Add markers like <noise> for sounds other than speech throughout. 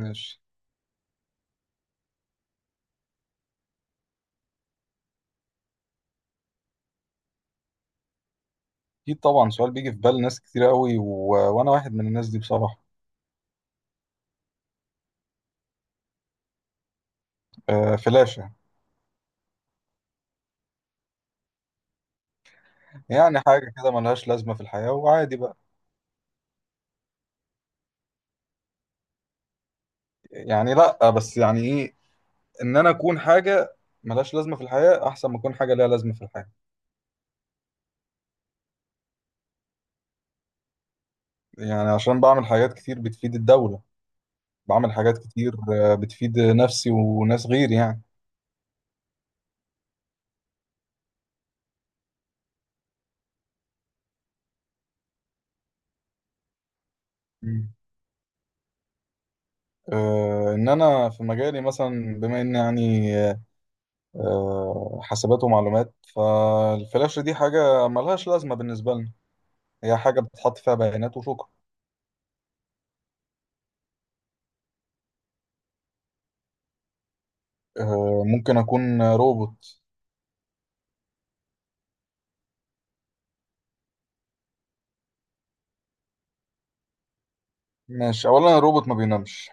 ماشي. اكيد طبعا، سؤال بيجي في بال ناس كتير قوي و... وانا واحد من الناس دي بصراحه. آه، فلاشه. يعني حاجه كده ملهاش لازمه في الحياه، وعادي بقى. يعني لا، بس يعني ايه، ان انا اكون حاجه ملهاش لازمه في الحياه احسن ما اكون حاجه ليها لازمه في الحياه. يعني عشان بعمل حاجات كتير بتفيد الدوله. بعمل حاجات كتير، بتفيد نفسي وناس غيري يعني. مم. ان انا في مجالي مثلا، بما اني يعني حاسبات ومعلومات، فالفلاشه دي حاجه ملهاش لازمه بالنسبه لنا. هي حاجة بتحط فيها بيانات وشكرا. ممكن أكون روبوت. ماشي، أولا الروبوت ما بينامش.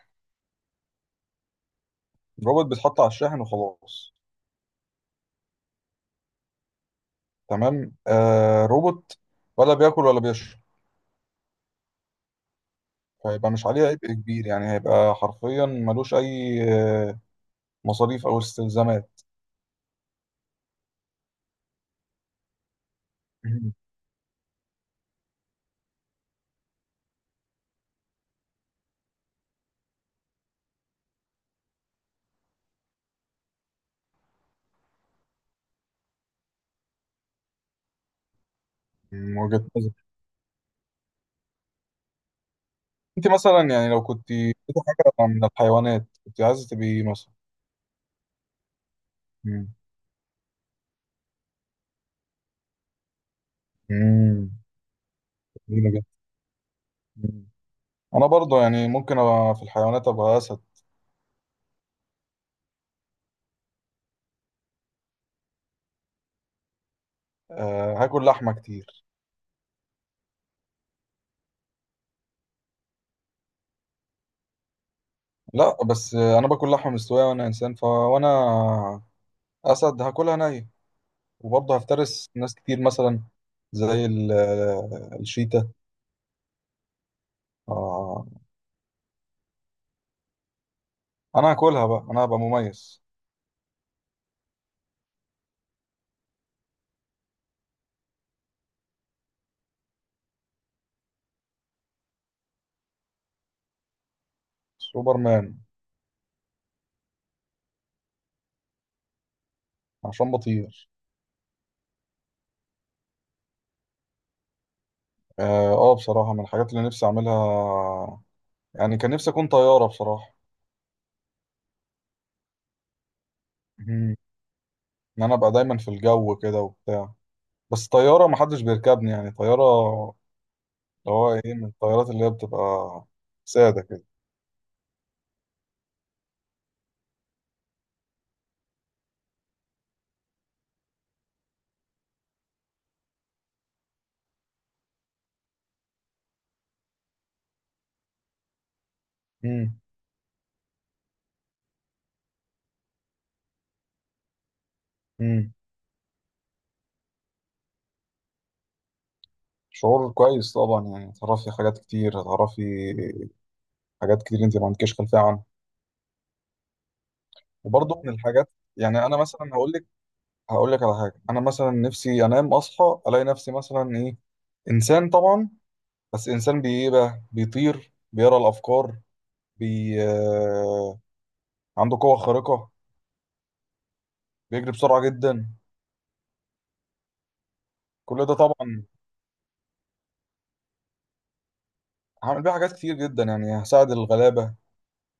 الروبوت بيتحط على الشاحن وخلاص. تمام، آه روبوت. ولا بياكل ولا بيشرب. فيبقى مش عليه عبء كبير، يعني هيبقى حرفيا ملوش أي مصاريف أو استلزامات. من وجهة نظري. أنت مثلا، يعني لو كنت لقيتي حاجة من الحيوانات كنت عايزة تبقي إيه مثلا؟ مم. مم. جميلة جدا. مم. أنا برضه يعني ممكن أبقى في الحيوانات أبقى أسد. آه، هاكل لحمة كتير. لا، بس انا باكل لحمه مستويه وانا انسان، فوانا اسد هاكلها نيه. وبرضه هفترس ناس كتير مثلا. زي <hesitation> الشيتا. آه، انا هاكلها بقى، انا هبقى مميز. سوبرمان. عشان بطير. اه، بصراحه من الحاجات اللي نفسي اعملها. يعني كان نفسي اكون طياره بصراحه. مم. ان انا ابقى دايما في الجو كده وبتاع. بس طياره محدش بيركبني، يعني طياره اللي هو ايه، من الطيارات اللي هي بتبقى ساده كده. مم. مم. شعور كويس طبعا، يعني تعرفي حاجات كتير، هتعرفي حاجات كتير انت ما عندكيش خلفيه عنها. وبرضه من الحاجات، يعني انا مثلا هقول لك، هقول لك على حاجه، انا مثلا نفسي انام اصحى الاقي نفسي مثلا ايه، انسان طبعا. بس انسان بي ايه بقى، بيطير، بيقرا الافكار، بي آه، عنده قوه خارقه، بيجري بسرعه جدا. كل ده طبعا، هعمل بيه حاجات كتير جدا، يعني هساعد الغلابه،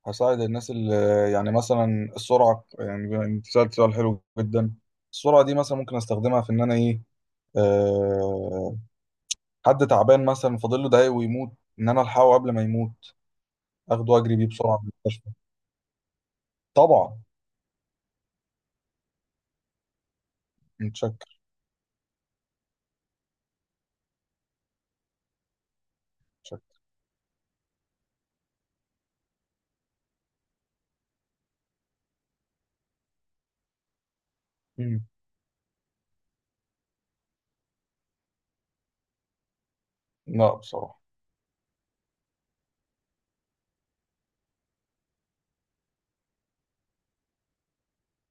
هساعد الناس اللي، يعني مثلا السرعة، يعني بما انت سألت سؤال حلو جدا، السرعة دي مثلا ممكن استخدمها في ان انا ايه، أه، حد تعبان مثلا فاضل له دقايق ويموت، ان انا الحقه قبل ما يموت، اخده واجري بيه بسرعة من المستشفى. طبعا. متشكر. متشكر. مم. لا، بصراحة.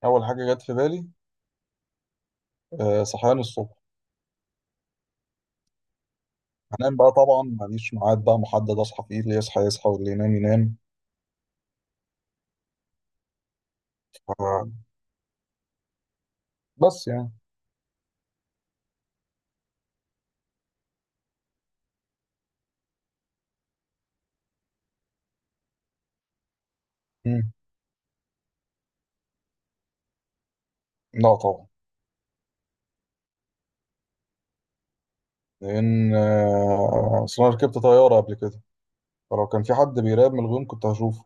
اول حاجة جت في بالي، أه، صحيان الصبح. هنام بقى طبعا، ماليش ميعاد بقى محدد اصحى فيه، اللي يصحى يصحى واللي ينام ينام. آه، بس يعني. مم. لا طبعا. لان اصل انا ركبت طيارة قبل كده، فلو كان في حد بيراقب من الغيوم كنت هشوفه.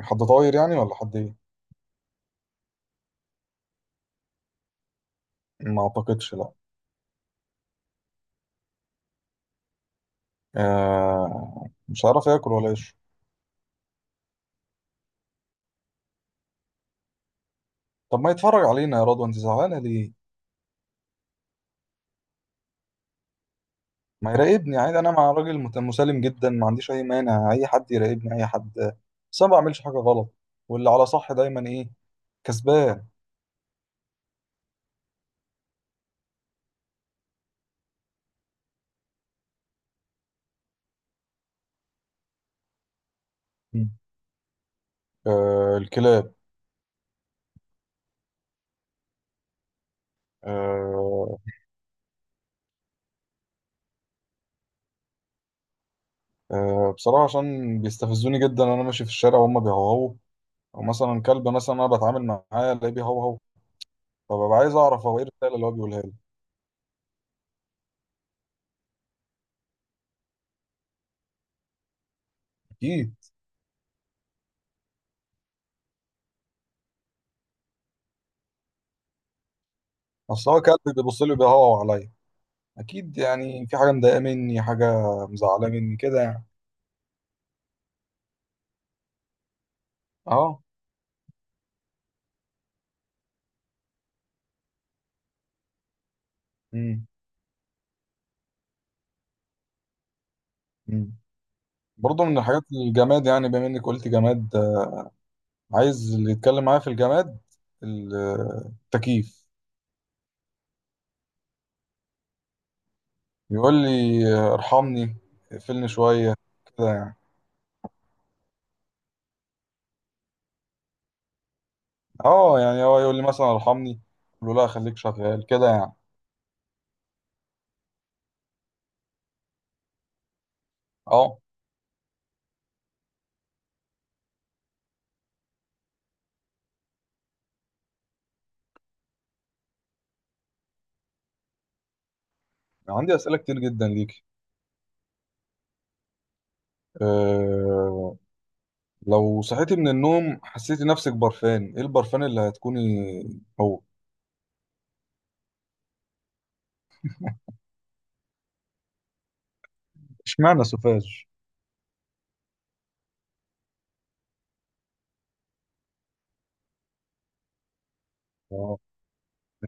حد طاير يعني، ولا حد ايه؟ ما اعتقدش، لا. آه، مش هعرف اكل ولا اشرب. طب ما يتفرج علينا، يا رضوى انت زعلانه ليه؟ ما يراقبني عادي، انا مع راجل مسالم جدا، ما عنديش اي مانع اي حد يراقبني، اي حد. بس انا ما بعملش حاجه غلط، واللي على صح دايما ايه، كسبان. مم. آه، الكلاب. آه. آه، بصراحه عشان بيستفزوني جدا وانا ماشي في الشارع وهم بيهوهوا، ومثلا كلب مثلا انا بتعامل معاه الاقيه بيهوهو، فببقى عايز اعرف هو ايه الرساله اللي هو بيقولها لي. اكيد. اصل هو كاتب بيبص لي بيهوى عليا، اكيد يعني في حاجه مضايقه مني، حاجه مزعله مني كده يعني. اه. امم. امم. برضه من الحاجات الجماد، يعني بما انك قلت جماد، عايز اللي يتكلم معايا في الجماد، التكييف. يقول لي ارحمني، اقفلني شويه، كده يعني. اه يعني، هو يقول لي مثلا ارحمني، اقول له لا، خليك شغال كده يعني. اه. عندي اسئله كتير جدا ليك. آه، لو صحيتي من النوم حسيتي نفسك برفان، ايه البرفان اللي هتكوني هو؟ اشمعنى سوفاج؟ آه،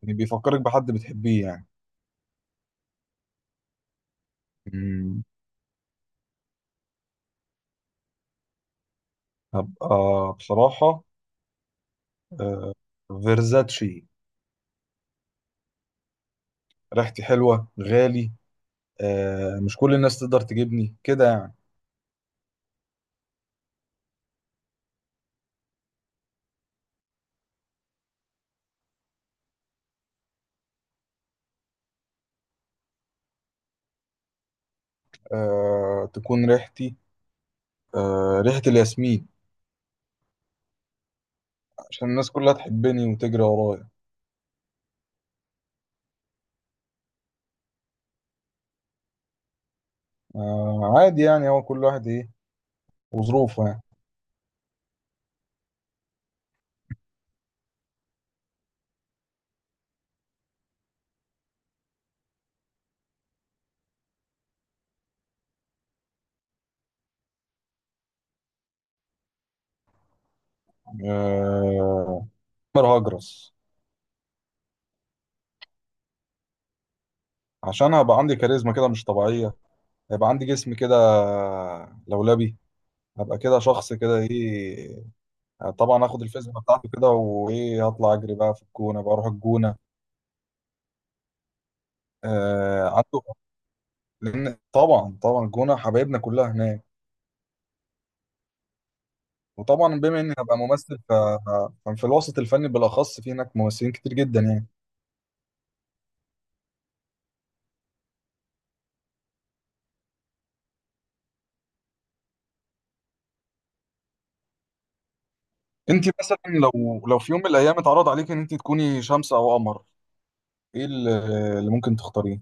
يعني بيفكرك بحد بتحبيه يعني. مم، هبقى، بصراحة، آه، فيرزاتشي. ريحتي حلوة، غالي، مش كل الناس تقدر تجيبني كده يعني. تكون ريحتي ريحة الياسمين. عشان الناس كلها تحبني وتجري ورايا. عادي يعني، هو كل واحد ايه وظروفه يعني. آه، عمر هجرس. عشان هبقى عندي كاريزما كده مش طبيعية، هيبقى عندي جسم كده لولبي، هبقى كده شخص كده ايه. طبعا هاخد الفيزياء بتاعته كده، وايه، هطلع اجري بقى في الجونة، بقى اروح الجونة. آه عنده. لان طبعا طبعا، الجونة حبايبنا كلها هناك. وطبعا بما اني هبقى ممثل، ففي الوسط الفني بالاخص، في هناك ممثلين كتير جدا يعني. انت مثلا، لو في يوم من الايام اتعرض عليك ان انت تكوني شمس او قمر، ايه اللي ممكن تختاريه؟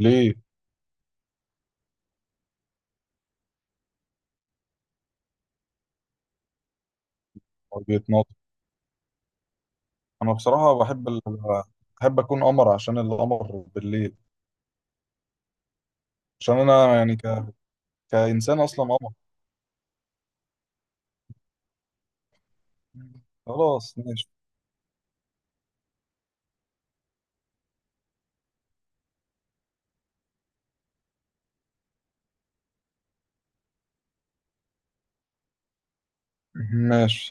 ليه؟ هو بيتناقض. انا بصراحه بحب اكون قمر عشان القمر بالليل. عشان انا يعني كانسان اصلا قمر. خلاص، ماشي. ماشي.